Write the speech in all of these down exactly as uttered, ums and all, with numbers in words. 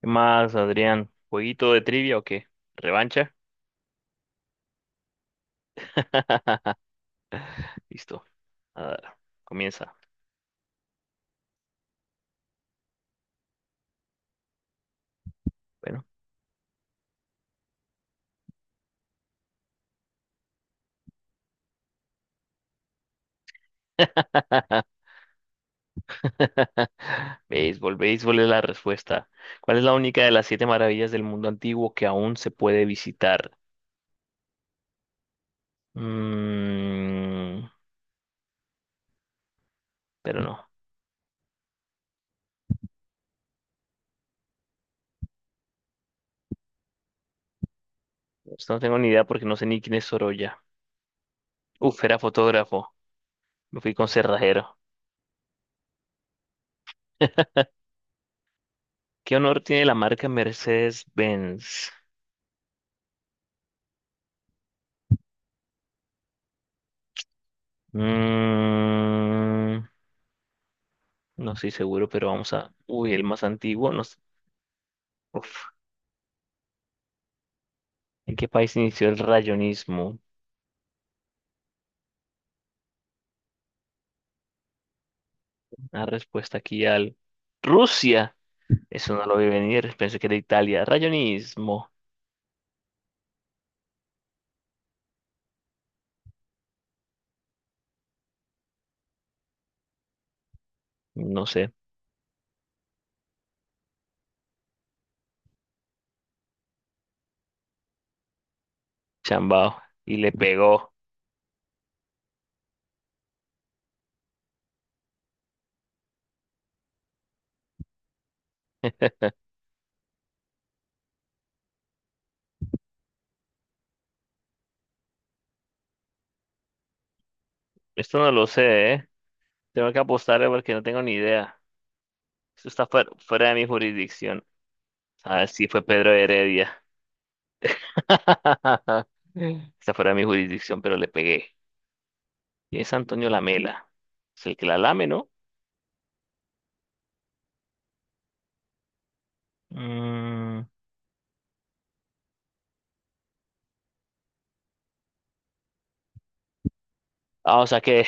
¿Qué más, Adrián? ¿Jueguito de trivia o qué? ¿Revancha? Listo. Ah, comienza. Bueno. Béisbol, béisbol es la respuesta. ¿Cuál es la única de las siete maravillas del mundo antiguo que aún se puede visitar? Mm, pero no. Esto no tengo ni idea porque no sé ni quién es Sorolla. Uf, era fotógrafo. Me fui con cerrajero. ¿Qué honor tiene la marca Mercedes-Benz? Mm, No estoy seguro, pero vamos a... Uy, el más antiguo. No... s- Uf. ¿En qué país inició el rayonismo? La respuesta aquí al... Rusia. Eso no lo vi venir. Pensé que era Italia. Rayonismo. No sé. Chambao. Y le pegó. Esto no lo sé, ¿eh? Tengo que apostarle porque no tengo ni idea. Esto está fuera, fuera de mi jurisdicción. Ah, sí, fue Pedro Heredia. Está fuera de mi jurisdicción, pero le pegué. Y es Antonio Lamela. Es el que la lame, ¿no? Mm, Ah, o sea que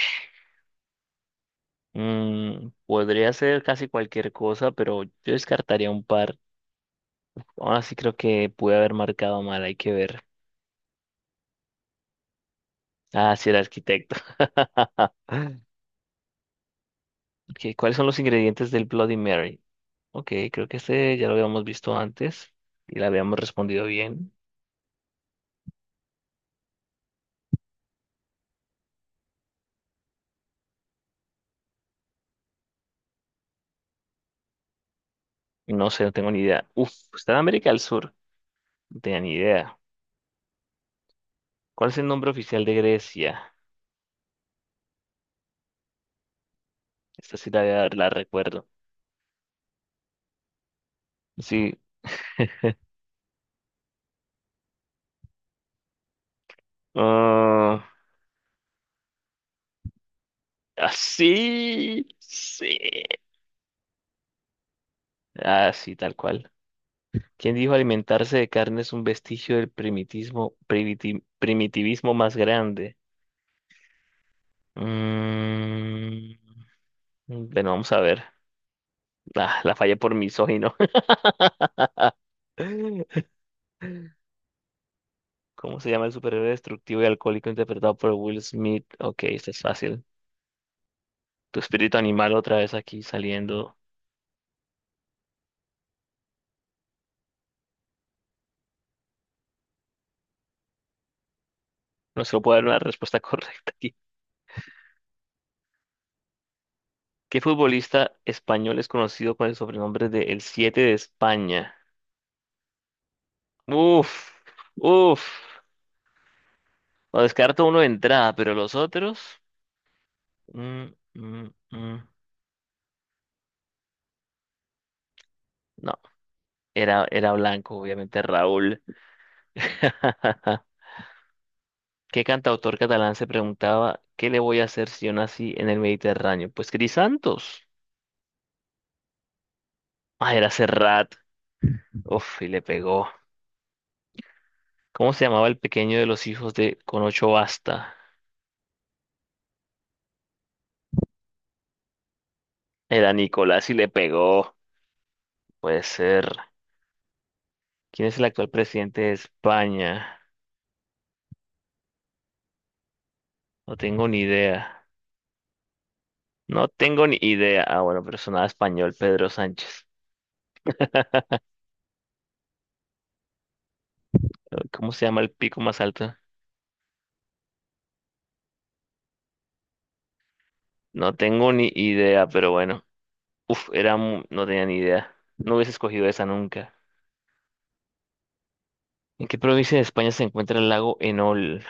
mm, podría ser casi cualquier cosa, pero yo descartaría un par. Ahora sí creo que pude haber marcado mal, hay que ver. Ah, sí, era arquitecto. Ok, ¿cuáles son los ingredientes del Bloody Mary? Ok, creo que este ya lo habíamos visto antes y la habíamos respondido bien. No sé, no tengo ni idea. Uf, está en América del Sur. No tenía ni idea. ¿Cuál es el nombre oficial de Grecia? Esta sí la, la recuerdo. Sí. ah, ah, sí. Sí. Ah, sí, tal cual. ¿Quién dijo alimentarse de carne es un vestigio del primitismo, primiti- primitivismo más grande? Mm, bueno, vamos a ver. Ah, la fallé por misógino. ¿Cómo se llama el superhéroe destructivo y alcohólico interpretado por Will Smith? Ok, esta es fácil. Tu espíritu animal otra vez aquí saliendo. No se puede dar una respuesta correcta aquí. ¿Qué futbolista español es conocido con el sobrenombre de El Siete de España? Uf, uf. O descarto uno de entrada, pero los otros. mm, mm, mm, No, era, era blanco, obviamente Raúl. ¿Qué cantautor catalán se preguntaba qué le voy a hacer si yo nací en el Mediterráneo? Pues Santos. Ah, era Serrat. Uf, y le pegó. ¿Cómo se llamaba el pequeño de los hijos de Con ocho basta? Era Nicolás y le pegó. Puede ser. ¿Quién es el actual presidente de España? No tengo ni idea. No tengo ni idea. Ah, bueno, pero sonaba español, Pedro Sánchez. ¿Cómo se llama el pico más alto? No tengo ni idea, pero bueno. Uf, era, mu- no tenía ni idea. No hubiese escogido esa nunca. ¿En qué provincia de España se encuentra el lago Enol?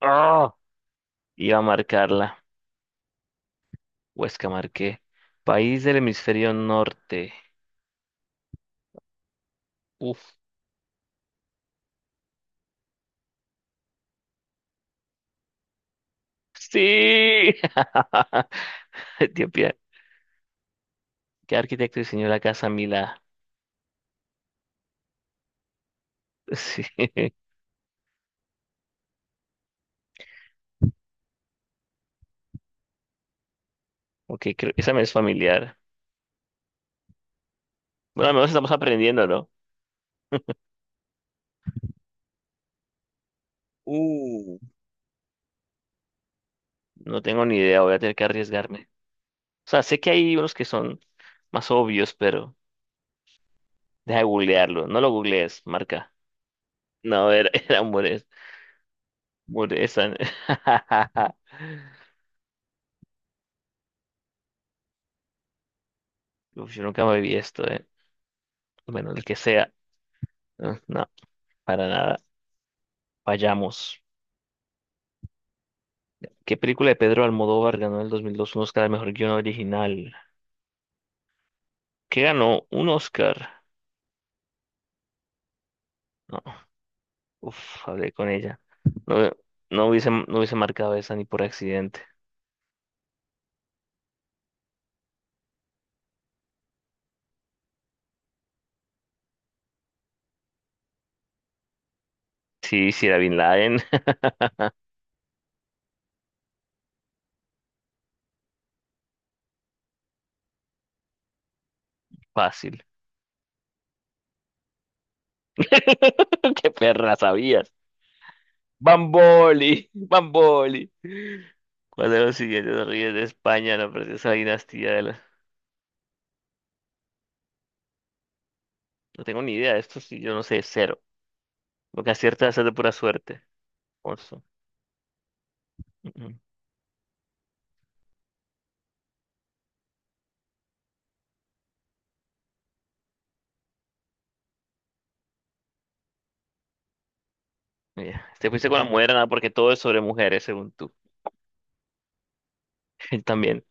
¡Ah! Iba a marcarla. Huesca marqué. País del hemisferio norte. Uf. Sí. Etiopía. ¿Qué arquitecto diseñó la casa Mila? Sí. Ok, creo, esa me es familiar. Bueno, al menos estamos aprendiendo, ¿no? Uh, No tengo ni idea, voy a tener que arriesgarme. O sea, sé que hay unos que son más obvios, pero deja de googlearlo. No lo googlees, marca. No, era, era Mures. Mures. Uf, yo nunca me vi esto, eh. Bueno, el que sea. Eh, No, para nada. Vayamos. ¿Qué película de Pedro Almodóvar ganó en el dos mil dos un Oscar al mejor guion original? ¿Qué ganó? ¿Un Oscar? No, uf, hablé con ella. No, no hubiese, no hubiese marcado esa ni por accidente. Sí, si era Bin Laden, fácil. Qué perra, sabía. Bamboli, Bamboli. ¿Cuál de los siguientes reyes de España no pertenece a la dinastía de la... No tengo ni idea de esto, si yo no sé, cero. Lo que acierta es de pura suerte. Alfonso. Mm, mm. Te fuiste con la mujer, nada, porque todo es sobre mujeres, según tú. Él también.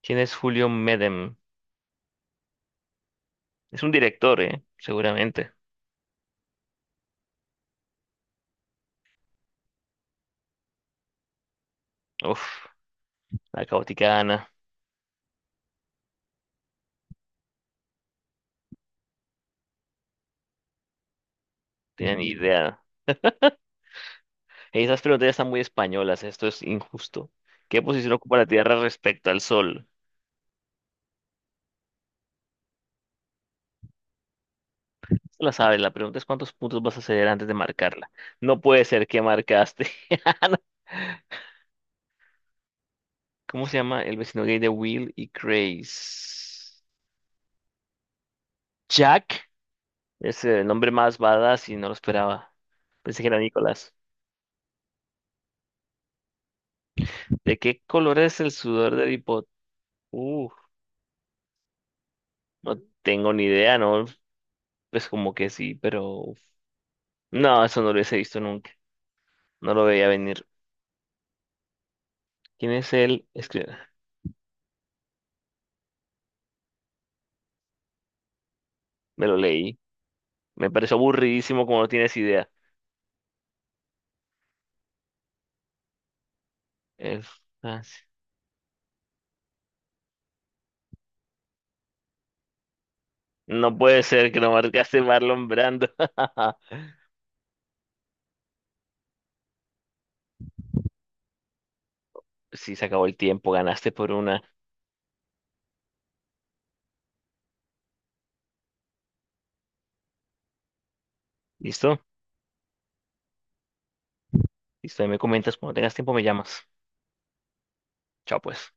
¿Quién es Julio Medem? Es un director, ¿eh? Seguramente. Uf, la caótica Ana. No tenía ni idea. Esas preguntas ya están muy españolas, esto es injusto. ¿Qué posición ocupa la Tierra respecto al Sol? La sabes, la pregunta es cuántos puntos vas a ceder antes de marcarla. No puede ser que marcaste. ¿Cómo se llama el vecino gay de Will y Grace? Jack. Es el nombre más badass y no lo esperaba. Pensé que era Nicolás. ¿De qué color es el sudor del hipot? Uf, no tengo ni idea, ¿no? Pues como que sí, pero... No, eso no lo hubiese visto nunca. No lo veía venir. ¿Quién es él? Es que me lo leí. Me pareció aburridísimo como no tienes idea. El... No puede ser que no marcaste Marlon Brando. Sí, se acabó el tiempo, ganaste por una. ¿Listo? Listo, ahí me comentas cuando tengas tiempo, me llamas. Chao, pues.